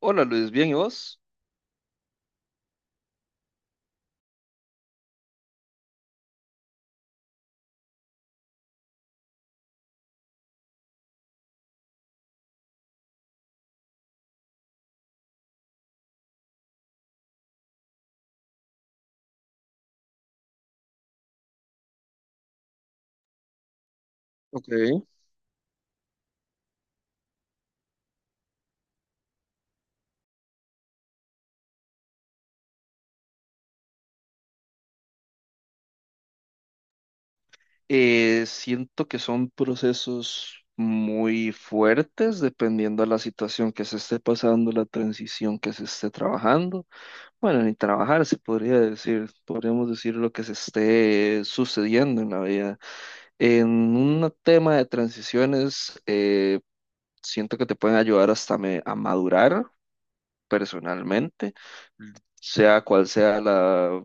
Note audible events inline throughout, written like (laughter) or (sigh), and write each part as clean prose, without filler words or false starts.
Hola Luis, ¿bien y vos? Ok. Siento que son procesos muy fuertes dependiendo de la situación que se esté pasando, la transición que se esté trabajando. Bueno, ni trabajar se podría decir, podríamos decir lo que se esté sucediendo en la vida. En un tema de transiciones, siento que te pueden ayudar hasta a madurar personalmente, sea cual sea la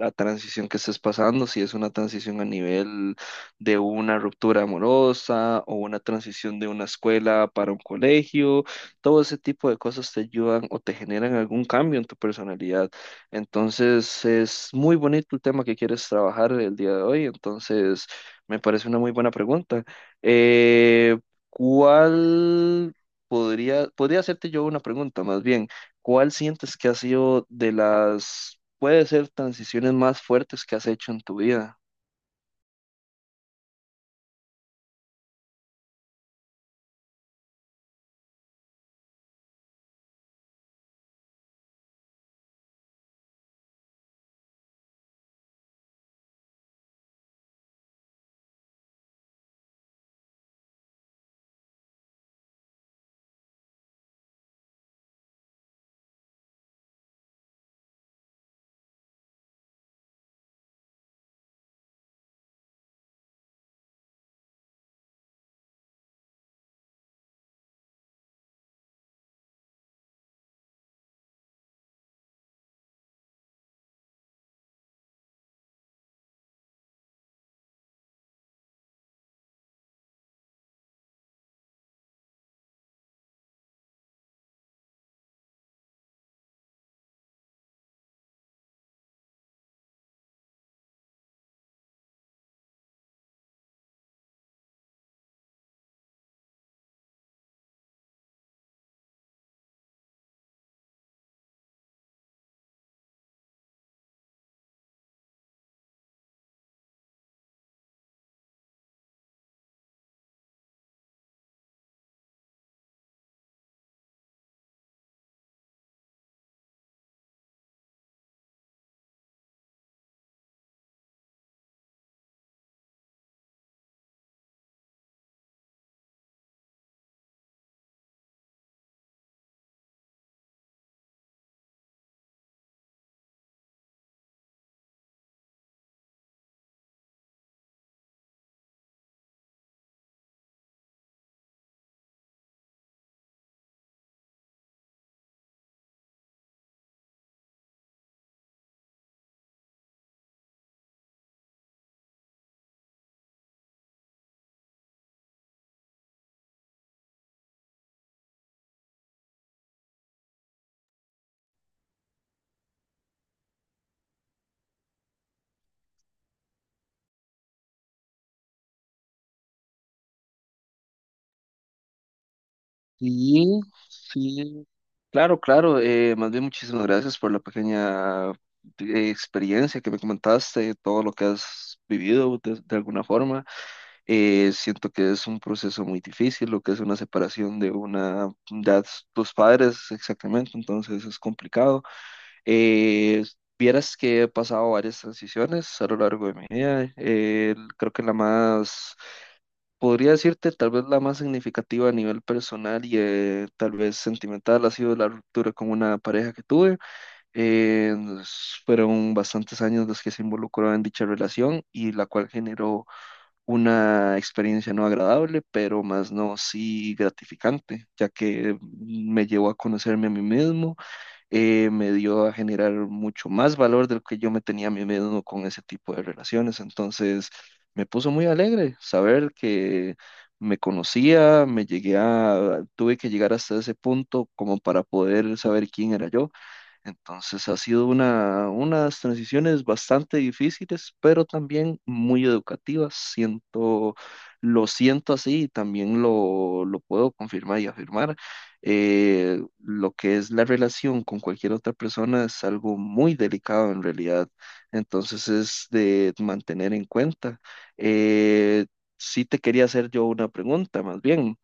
la transición que estés pasando, si es una transición a nivel de una ruptura amorosa o una transición de una escuela para un colegio, todo ese tipo de cosas te ayudan o te generan algún cambio en tu personalidad. Entonces, es muy bonito el tema que quieres trabajar el día de hoy, entonces me parece una muy buena pregunta. Eh, ¿Cuál podría hacerte yo una pregunta más bien? ¿Cuál sientes que ha sido de las puede ser transiciones más fuertes que has hecho en tu vida? Y sí, claro, claro, más bien muchísimas gracias por la pequeña experiencia que me comentaste, todo lo que has vivido de alguna forma. Siento que es un proceso muy difícil, lo que es una separación de una de tus padres, exactamente, entonces es complicado. Eh, Vieras que he pasado varias transiciones a lo largo de mi vida. Creo que la más podría decirte, tal vez la más significativa a nivel personal y tal vez sentimental ha sido la ruptura con una pareja que tuve. Eh, fueron bastantes años los que se involucró en dicha relación y la cual generó una experiencia no agradable, pero más no sí gratificante, ya que me llevó a conocerme a mí mismo. Me dio a generar mucho más valor del que yo me tenía a mí mismo con ese tipo de relaciones. Entonces, me puso muy alegre saber que me conocía, tuve que llegar hasta ese punto como para poder saber quién era yo. Entonces ha sido una, unas transiciones bastante difíciles, pero también muy educativas. Lo siento así y también lo puedo confirmar y afirmar. Lo que es la relación con cualquier otra persona es algo muy delicado en realidad. Entonces es de mantener en cuenta. Eh, sí te quería hacer yo una pregunta, más bien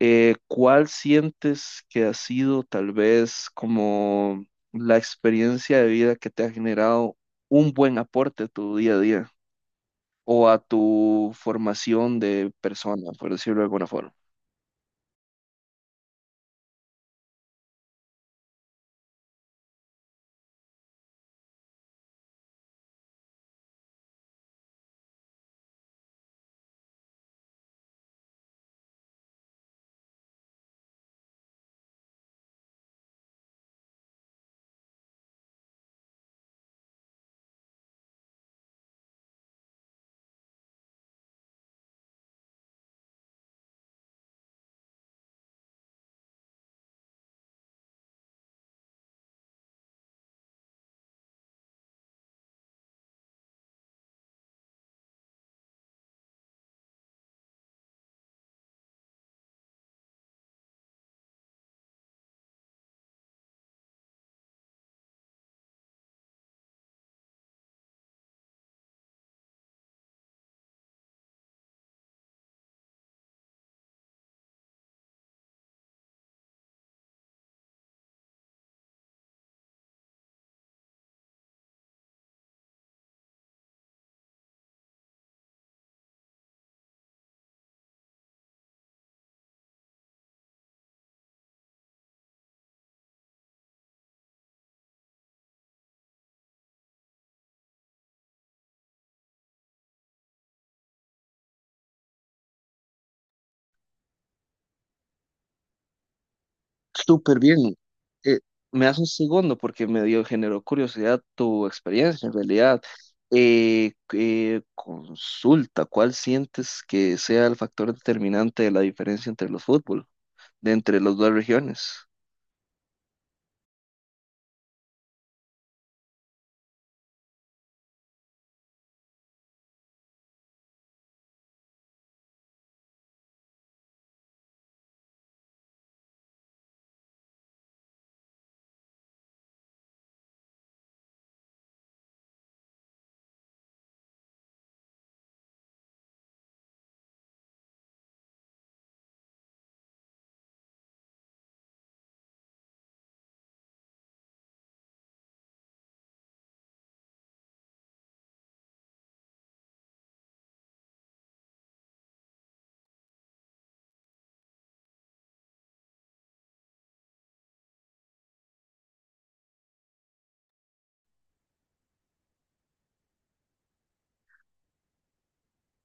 ¿cuál sientes que ha sido tal vez como la experiencia de vida que te ha generado un buen aporte a tu día a día o a tu formación de persona, por decirlo de alguna forma? Súper bien. Eh, me das un segundo porque generó curiosidad tu experiencia en realidad. Consulta, ¿cuál sientes que sea el factor determinante de la diferencia entre los fútbol, de entre las dos regiones?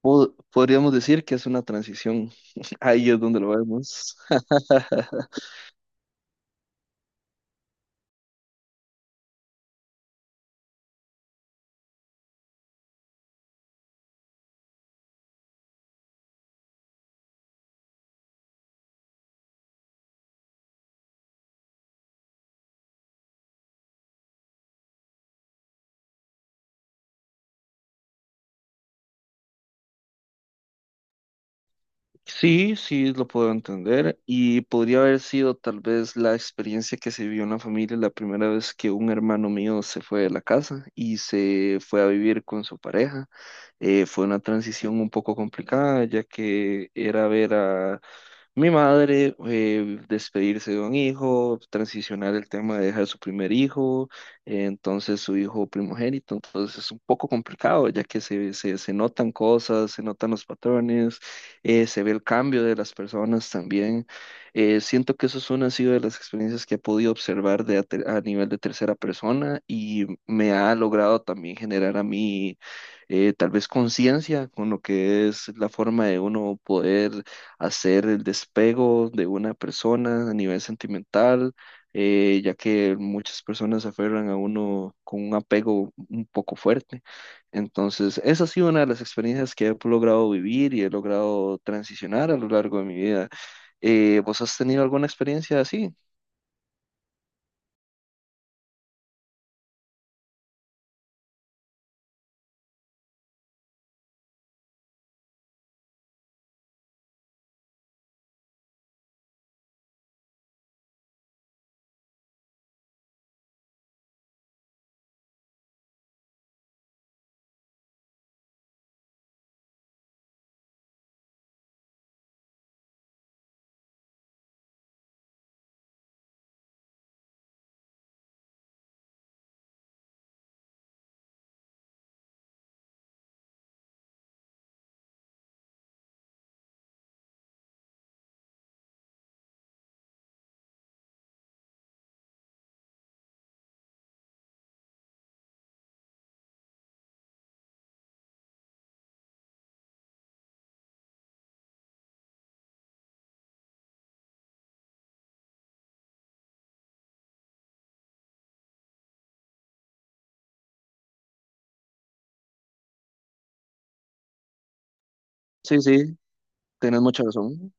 Podríamos decir que es una transición. (laughs) Ahí es donde lo vemos. (laughs) Sí, sí, lo puedo entender. Y podría haber sido tal vez la experiencia que se vivió en la familia la primera vez que un hermano mío se fue de la casa y se fue a vivir con su pareja. Fue una transición un poco complicada, ya que era ver a mi madre, despedirse de un hijo, transicionar el tema de dejar su primer hijo, entonces su hijo primogénito, entonces es un poco complicado ya que se notan cosas, se notan los patrones, se ve el cambio de las personas también. Siento que eso es una ha sido de las experiencias que he podido observar de a nivel de tercera persona y me ha logrado también generar a mí tal vez conciencia con lo que es la forma de uno poder hacer el despego de una persona a nivel sentimental, ya que muchas personas se aferran a uno con un apego un poco fuerte. Entonces, esa ha sido una de las experiencias que he logrado vivir y he logrado transicionar a lo largo de mi vida. ¿Vos has tenido alguna experiencia así? Sí, sí, tenés mucha razón.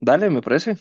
Dale, me parece.